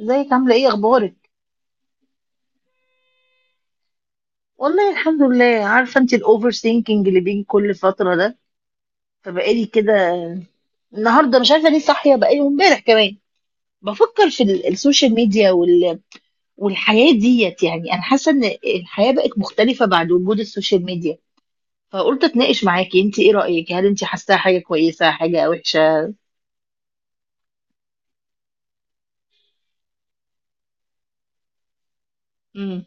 ازيك؟ عامله ايه؟ اخبارك؟ والله الحمد لله. عارفه انت الاوفر ثينكينج اللي بيجي كل فتره ده؟ فبقالي كده النهارده مش عارفه ليه صاحيه، بقالي امبارح كمان بفكر في السوشيال ميديا والحياه ديت. يعني انا حاسه ان الحياه بقت مختلفه بعد وجود السوشيال ميديا، فقلت اتناقش معاكي. انت ايه رايك؟ هل انت حاساها حاجه كويسه، حاجه وحشه؟ امم.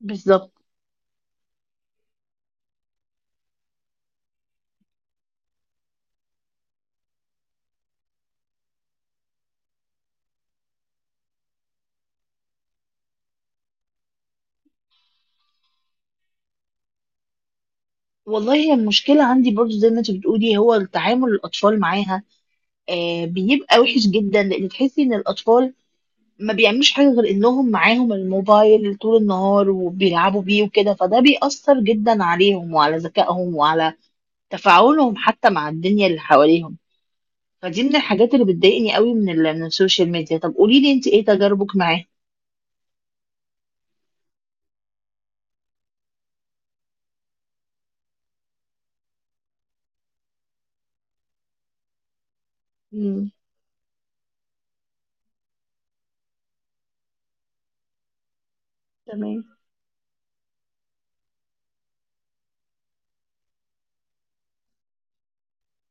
بالظبط. والله هي المشكلة عندي برضو زي ما انت بتقولي، هو التعامل الأطفال معاها. آه بيبقى وحش جدا، لأن تحسي إن الأطفال ما بيعملوش حاجة غير انهم معاهم الموبايل طول النهار وبيلعبوا بيه وكده، فده بيأثر جدا عليهم وعلى ذكائهم وعلى تفاعلهم حتى مع الدنيا اللي حواليهم. فدي من الحاجات اللي بتضايقني قوي من من السوشيال ميديا. طب قولي لي انت ايه تجاربك معاه؟ امم. تمام.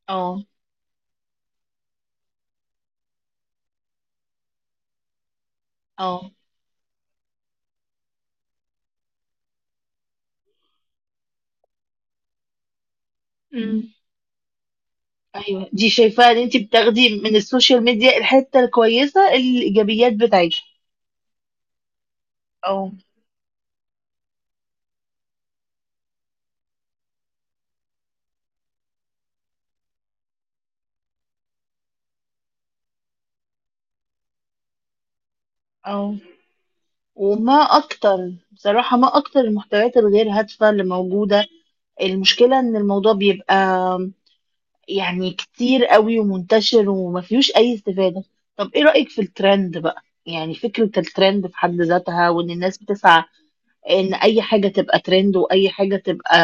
اه. اه. امم. ايوه، دي شايفاها ان انت بتاخدي من السوشيال ميديا الحتة الكويسة، الايجابيات بتاعتها. اه. اه. وما اكتر، بصراحة ما اكتر المحتويات الغير هادفة اللي موجودة. المشكلة إن الموضوع بيبقى يعني كتير قوي ومنتشر وما فيهوش أي استفادة. طب إيه رأيك في الترند بقى؟ يعني فكرة الترند في حد ذاتها، وإن الناس بتسعى إن أي حاجة تبقى ترند، وأي حاجة تبقى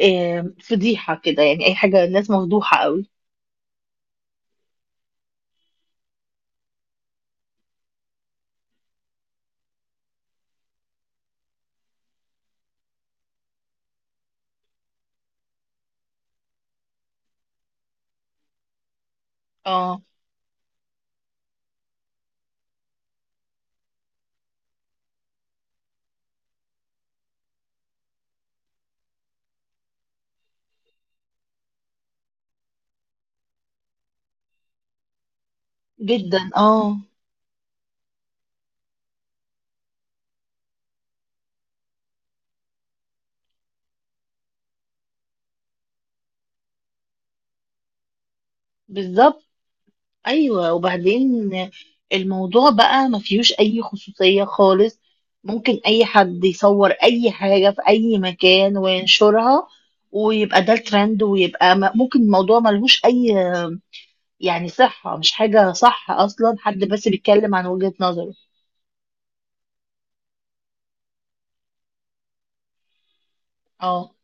فضيحة كده. يعني أي حاجة، الناس مفضوحة قوي. اه. جدا. اه. بالظبط. ايوه، وبعدين الموضوع بقى ما فيهوش اي خصوصية خالص. ممكن اي حد يصور اي حاجة في اي مكان وينشرها ويبقى ده الترند، ويبقى ممكن الموضوع ملهوش اي يعني صحة، مش حاجة صح اصلا، حد بس بيتكلم عن وجهة نظره. اه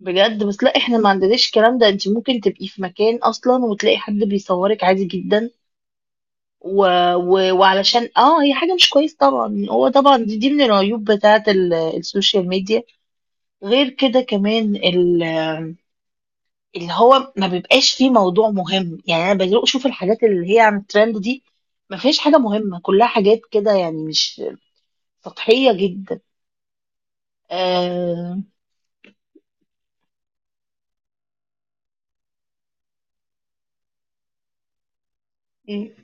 بجد. بس لا، احنا ما عندناش الكلام ده. انت ممكن تبقي في مكان اصلا وتلاقي حد بيصورك عادي جدا و... وعلشان اه هي حاجة مش كويس طبعا. هو طبعا دي, دي من العيوب بتاعة السوشيال ميديا. غير كده كمان اللي هو ما بيبقاش فيه موضوع مهم. يعني انا بدي اشوف الحاجات اللي هي عن الترند دي، ما فيهاش حاجة مهمة، كلها حاجات كده يعني مش، سطحية جدا. آه... م-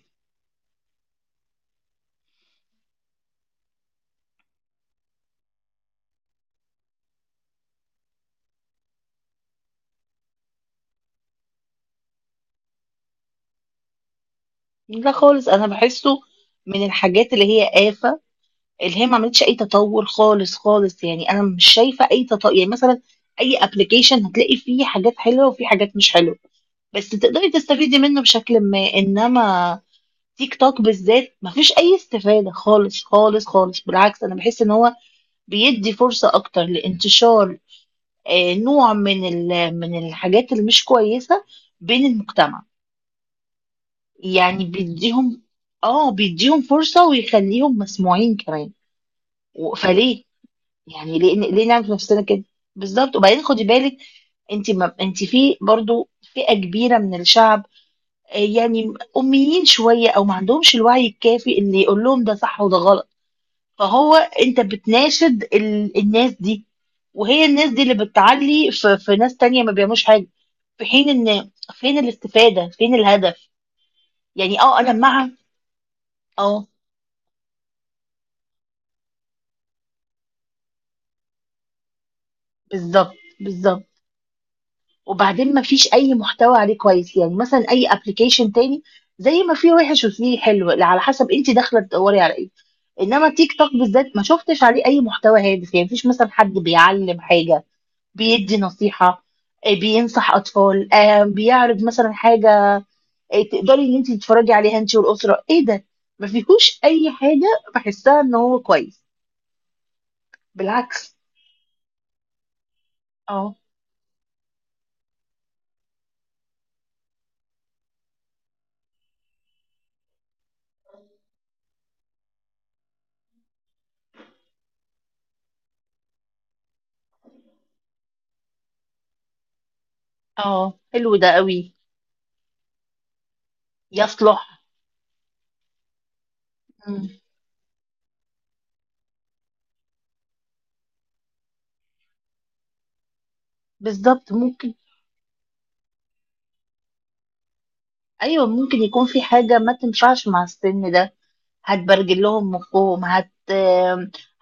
لا خالص، انا بحسه من الحاجات اللي هي آفة، اللي هي ما عملتش اي تطور خالص خالص. يعني انا مش شايفه اي تطور. يعني مثلا اي ابلكيشن هتلاقي فيه حاجات حلوه وفيه حاجات مش حلوه، بس تقدري تستفيدي منه بشكل ما. انما تيك توك بالذات ما فيش اي استفاده خالص خالص خالص. بالعكس، انا بحس ان هو بيدي فرصه اكتر لانتشار آه، نوع من من الحاجات اللي مش كويسه بين المجتمع. يعني بيديهم، اه بيديهم فرصه ويخليهم مسموعين كمان. فليه يعني؟ ليه ليه نعمل في نفسنا كده؟ بالظبط. وبعدين خدي بالك، انت ما انت في برضو فئة كبيرة من الشعب آه، يعني أميين شوية أو ما عندهمش الوعي الكافي إن يقول لهم ده صح وده غلط. فهو أنت بتناشد الناس دي، وهي الناس دي اللي بتعلي في ناس تانية ما بيعملوش حاجة. في حين إن فين الاستفادة، فين الهدف؟ يعني اه أنا مع. اه. بالظبط. بالظبط. وبعدين ما فيش اي محتوى عليه كويس. يعني مثلا اي ابلكيشن تاني زي ما فيه وحش وفيه حلو على حسب انت داخله تدوري على ايه. انما تيك توك بالذات ما شفتش عليه اي محتوى هادف. يعني مفيش مثلا حد بيعلم حاجه، بيدي نصيحه، آه، بينصح اطفال، آه، بيعرض مثلا حاجه آه، تقدري ان انت تتفرجي عليها انت والاسره. ايه ده؟ ما فيهوش اي حاجه بحسها ان هو كويس، بالعكس. اه. اه. حلو ده قوي. يصلح. مم. بالظبط، ممكن. ايوه، ممكن يكون في حاجه ما تنفعش مع السن ده. هتبرجل لهم مخهم،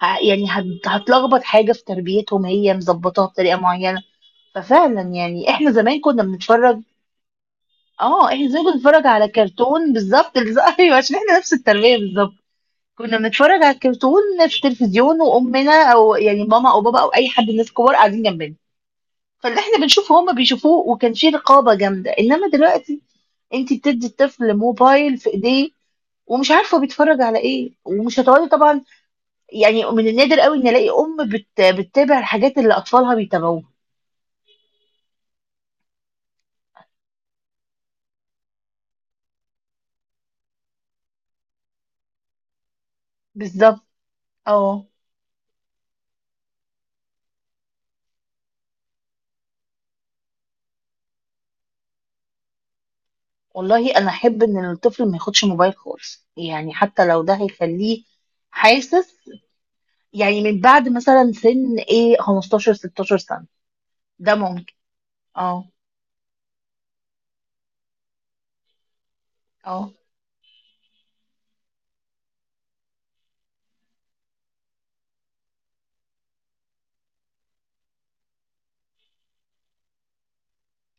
يعني هتلخبط حاجه في تربيتهم هي مظبطاها بطريقه معينه. ففعلا يعني احنا زمان كنا بنتفرج. اه، احنا زمان كنا بنتفرج على كرتون بالظبط. ايوه، عشان احنا نفس التربيه بالظبط. كنا بنتفرج على الكرتون في التلفزيون، وامنا او يعني ماما او بابا او اي حد من الناس الكبار قاعدين جنبنا. فاللي احنا بنشوفه هما بيشوفوه، وكان في رقابه جامده. انما دلوقتي انت بتدي الطفل موبايل في ايديه، ومش عارفه بيتفرج على ايه، ومش هتقعدي طبعا. يعني من النادر قوي ان الاقي ام بتتابع الحاجات اللي اطفالها بيتابعوها. بالظبط. اه. والله انا احب ان الطفل ما ياخدش موبايل خالص، يعني حتى لو ده هيخليه حاسس. يعني من بعد مثلا سن ايه، 15 16 سنة، ده ممكن. اه. اه.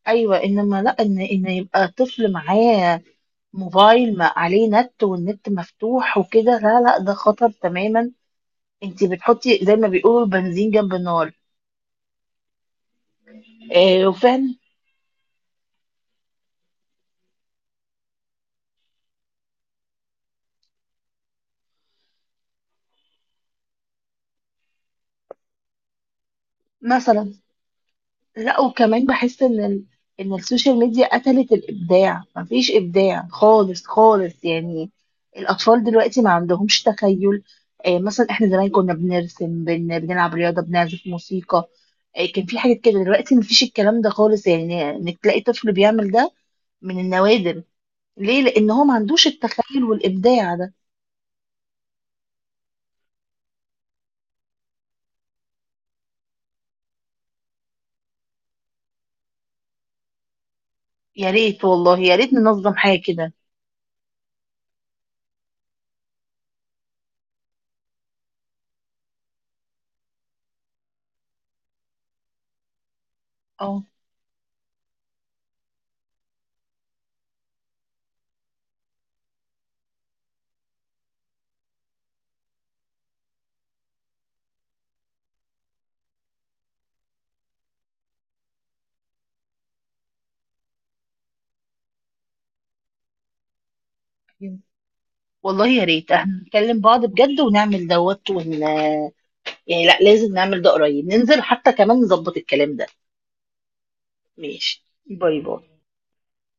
ايوه، انما لا ان يبقى الطفل معاه موبايل ما عليه نت والنت مفتوح وكده، لا لا، ده خطر تماما. انت بتحطي زي ما بيقولوا البنزين جنب النار. آه وفعلا. مثلا. لا، وكمان بحس ان ان السوشيال ميديا قتلت الابداع. مفيش ابداع خالص خالص. يعني الاطفال دلوقتي ما عندهمش تخيل آه. مثلا احنا زمان كنا بنرسم، بنلعب رياضه، بنعزف موسيقى آه. كان في حاجات كده. دلوقتي مفيش الكلام ده خالص، يعني انك تلاقي طفل بيعمل ده من النوادر. ليه؟ لان هو ما عندوش التخيل والابداع ده. يا ريت، والله يا ريت ننظم حاجه كده. اه، والله يا ريت احنا نكلم بعض بجد ونعمل دوت يعني لا لازم نعمل ده قريب، ننزل حتى كمان نظبط الكلام ده. ماشي، باي باي.